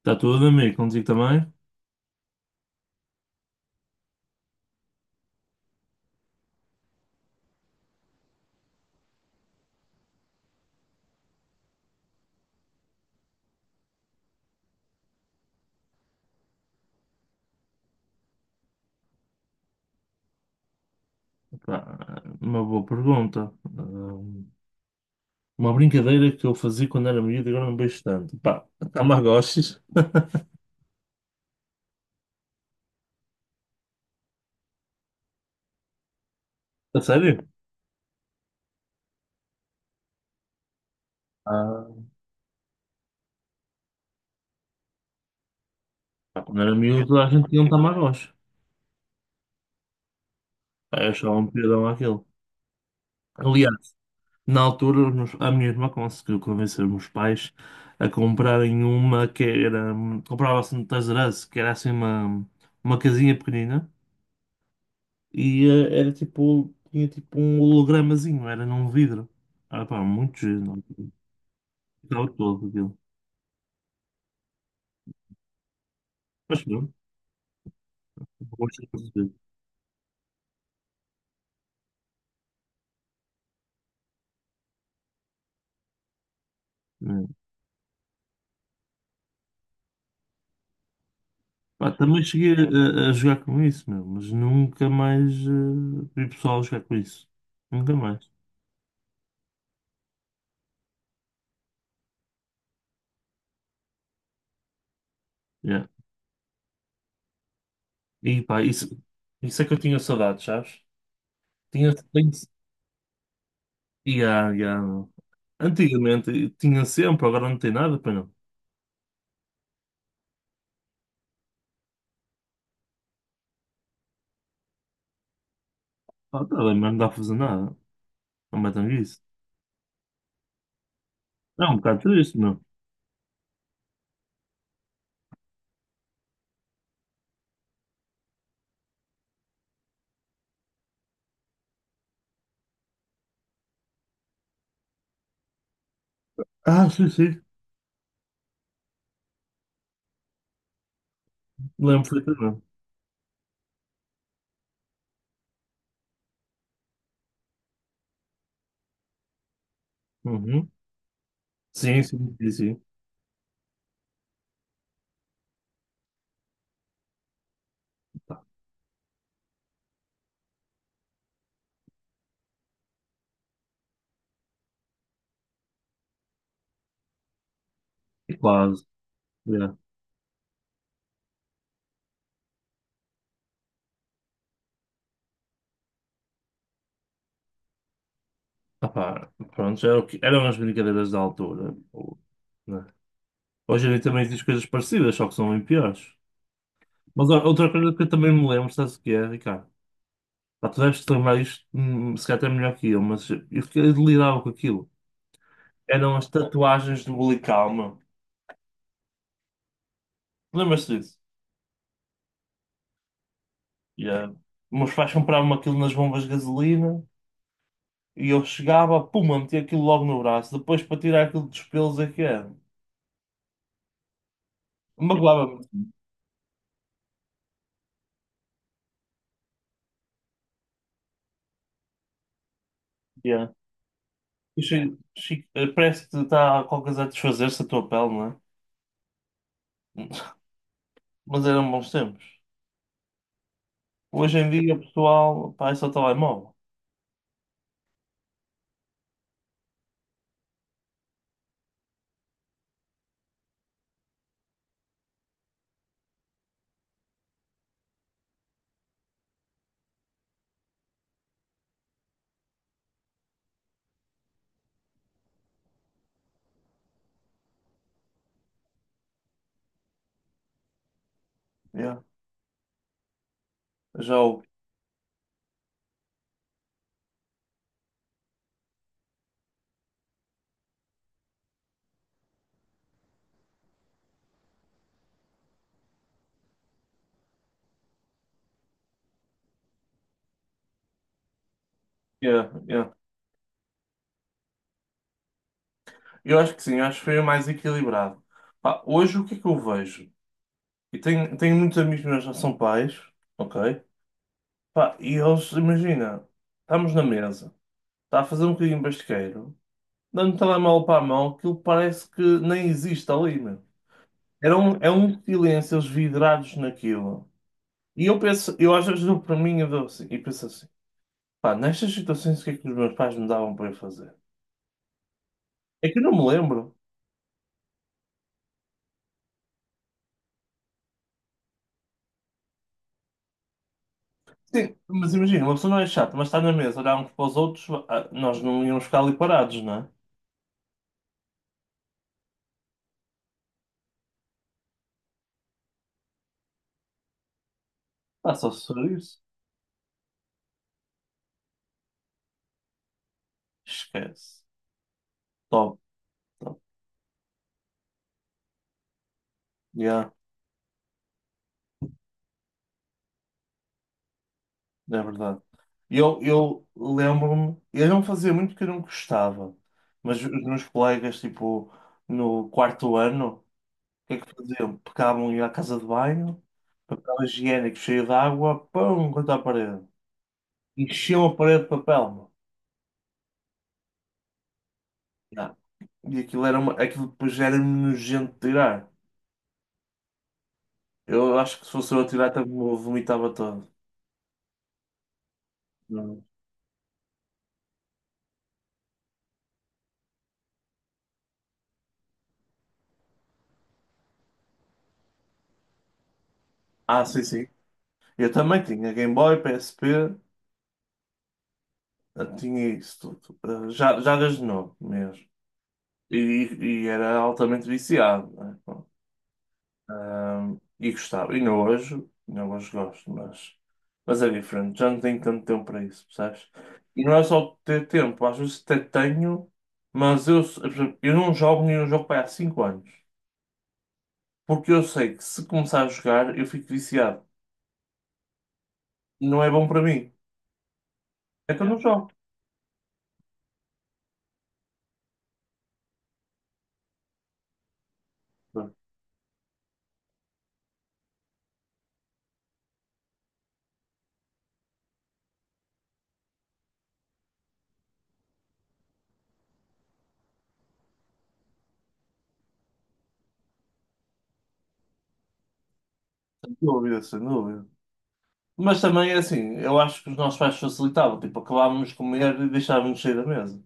Está tudo, amigo, contigo também? Pá, uma boa pergunta. Uma brincadeira que eu fazia quando era miúdo e agora não vejo tanto. Pá, Tamagotchis. A sério? Ah. Pá, quando era miúdo toda a gente tinha um Tamagotchi. Pá, eu achava um piadão aquilo. Aliás, na altura a minha irmã conseguiu convencer os meus pais a comprarem uma que era... comprava-se no Toys R Us, que era assim uma casinha pequenina. E era tipo, tinha tipo um hologramazinho, era num vidro. Ah, pá, muito giro, não. Ficava todo aquilo. Mas pronto, vou já perceber, né? Pá, também cheguei a jogar com isso, meu, mas nunca mais vi pessoal a jogar com isso. Nunca mais. Yeah. E pá, isso é que eu tinha saudades, sabes? Tenho, yeah, yeah, meu. Antigamente tinha sempre, agora não tem nada, pá, não. Ah, tá bem, mas não dá para fazer nada. Não metam isso. É um bocado triste, meu. Ah, sim, sim. Lembro perfeitamente. Uhum. Sim, sim, sim, sim. Pá, é quase. É. Ah, pá, pronto, já era o que, eram as brincadeiras da altura. Ou, né? Hoje em dia também diz coisas parecidas, só que são bem piores. Mas ó, outra coisa que eu também me lembro, sabes o que é, Ricardo? Pá, tu deves te lembrar isto, se calhar até melhor que eu, mas eu delirava com aquilo. Eram as tatuagens do Bully Calma. Lembras-te disso? Yeah. Meus pais compravam aquilo nas bombas de gasolina. E eu chegava, puma, metia aquilo logo no braço. Depois, para tirar aquilo dos pelos, é que é. Magoava-me. Yeah. E parece que está qualquer coisa a desfazer-se a tua pele, não é? Mas eram bons tempos. Hoje em dia, pessoal, pá, é só telemóvel. Yeah. Já o. Yeah, yeah. Eu acho que sim, eu acho que foi mais equilibrado. Pá, hoje o que é que eu vejo? E tenho muitos amigos meus que já são pais, ok? Pá, e eles, imagina, estamos na mesa, está a fazer um bocadinho de basqueiro. Dando telemóvel para a mão, aquilo parece que nem existe ali, meu. É um silêncio, eles vidrados naquilo. E eu penso, eu às vezes dou para mim eu dou assim, e penso assim, pá, nestas situações o que é que os meus pais me davam para eu fazer? É que eu não me lembro. Sim, mas imagina, uma pessoa não é chata, mas está na mesa, olhar uns para os outros, ah, nós não íamos ficar ali parados, não é? Pá, só se for isso. Esquece. Top, top. É verdade. Eu lembro-me, eu não fazia muito porque eu não gostava, mas os meus colegas, tipo, no quarto ano, o que é que faziam? Pegavam e à casa de banho, papel higiênico cheio de água, pão, contra a parede. Enchiam a parede de papel, meu. Ya. E aquilo depois era nojento de tirar. Eu acho que se fosse eu a tirar, também me vomitava todo. Não. Ah, sim, sim. Eu também tinha Game Boy, PSP. Ah, tinha isso tudo. Ah, já, Jagas de novo mesmo. E, e era altamente viciado. Né? Bom, ah, e gostava. E não hoje, não hoje gosto, mas é diferente. Já não tenho tanto tempo para isso, percebes? E não é só ter tempo, às vezes até tenho, mas eu, por exemplo, eu não jogo nenhum jogo para aí há 5 anos. Porque eu sei que se começar a jogar eu fico viciado. E não é bom para mim. É que eu Yeah. não jogo. Sem dúvida, sem dúvida. Mas também é assim, eu acho que os nossos pais facilitavam, tipo, acabávamos de comer e deixávamos sair da mesa.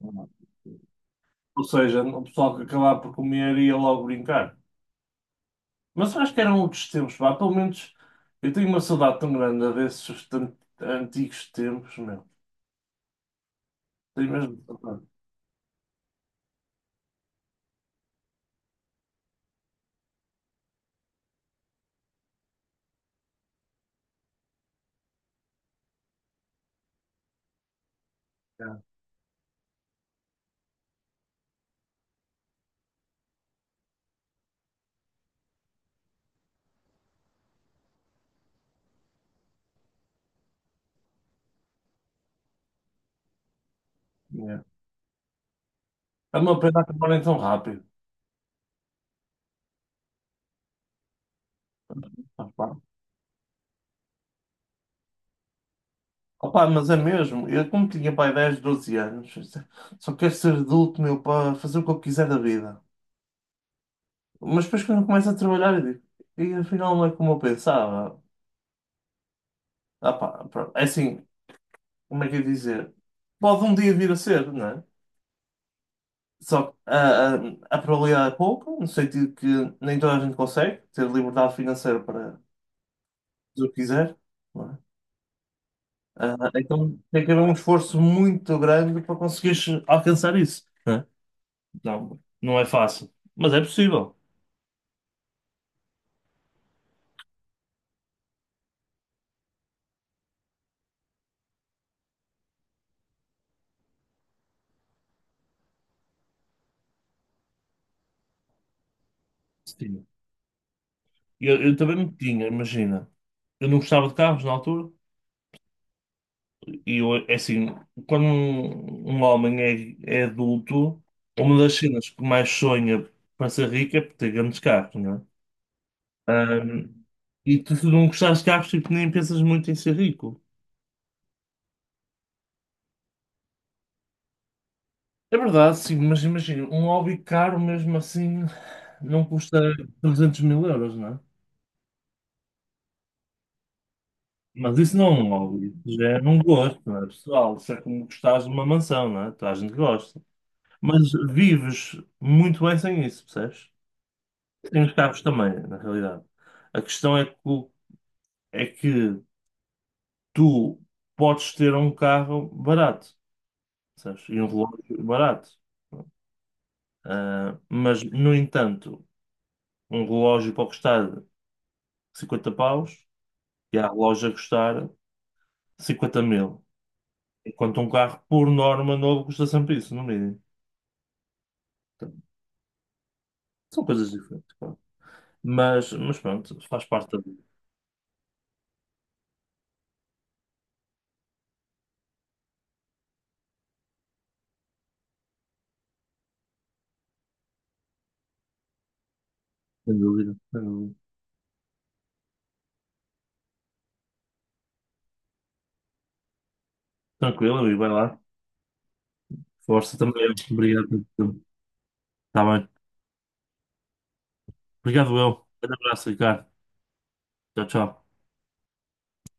Uhum. Ou seja, o pessoal que acabava por comer ia logo brincar. Mas eu acho que eram outros tempos, pá. Pelo menos eu tenho uma saudade tão grande antigos tempos, meu. Tenho mesmo saudade. É, é. É uma pena acabarem tão rápido. Opa, opá, mas é mesmo. Eu, como tinha pai 10 12 anos, só quero ser adulto, meu, para fazer o que eu quiser da vida. Mas depois quando começo a trabalhar, eu digo, e afinal não é como eu pensava. Ah, pá, pronto. É assim, como é que eu ia dizer? Pode um dia vir a ser, não é? Só que a probabilidade é pouca, no sentido que nem toda a gente consegue ter liberdade financeira para fazer o que quiser, não é? Ah, então tem que haver um esforço muito grande para conseguires alcançar isso, não é? Não, não é fácil, mas é possível. Sim. Eu também me tinha, imagina. Eu não gostava de carros na altura. E eu, é assim, quando um homem é adulto, uma das cenas que mais sonha para ser rico é por ter grandes carros, não é? Ahm, e tu, se não gostares de carros, tipo, nem pensas muito em ser rico. É verdade, sim, mas imagina, um hobby caro mesmo assim não custa 300 mil euros, não é? Mas isso não é um hobby, isso já é um gosto, não é, pessoal? Isso é como gostares de uma mansão, não é? Toda a gente gosta. Mas vives muito bem sem isso, percebes? Tem os carros também, na realidade. A questão é que, é que tu podes ter um carro barato, sabes? E um relógio barato. Ah, mas, no entanto, um relógio pode custar 50 paus e há relógio a custar 50 mil. Enquanto um carro, por norma, novo custa sempre isso, no mínimo. Então, são coisas diferentes, claro. Mas pronto, faz parte da vida. Sem dúvida, sem dúvida. Tranquilo, e vai lá. Força também. Obrigado. Está bem. Obrigado, eu. Um grande abraço, Ricardo. Tchau, tchau.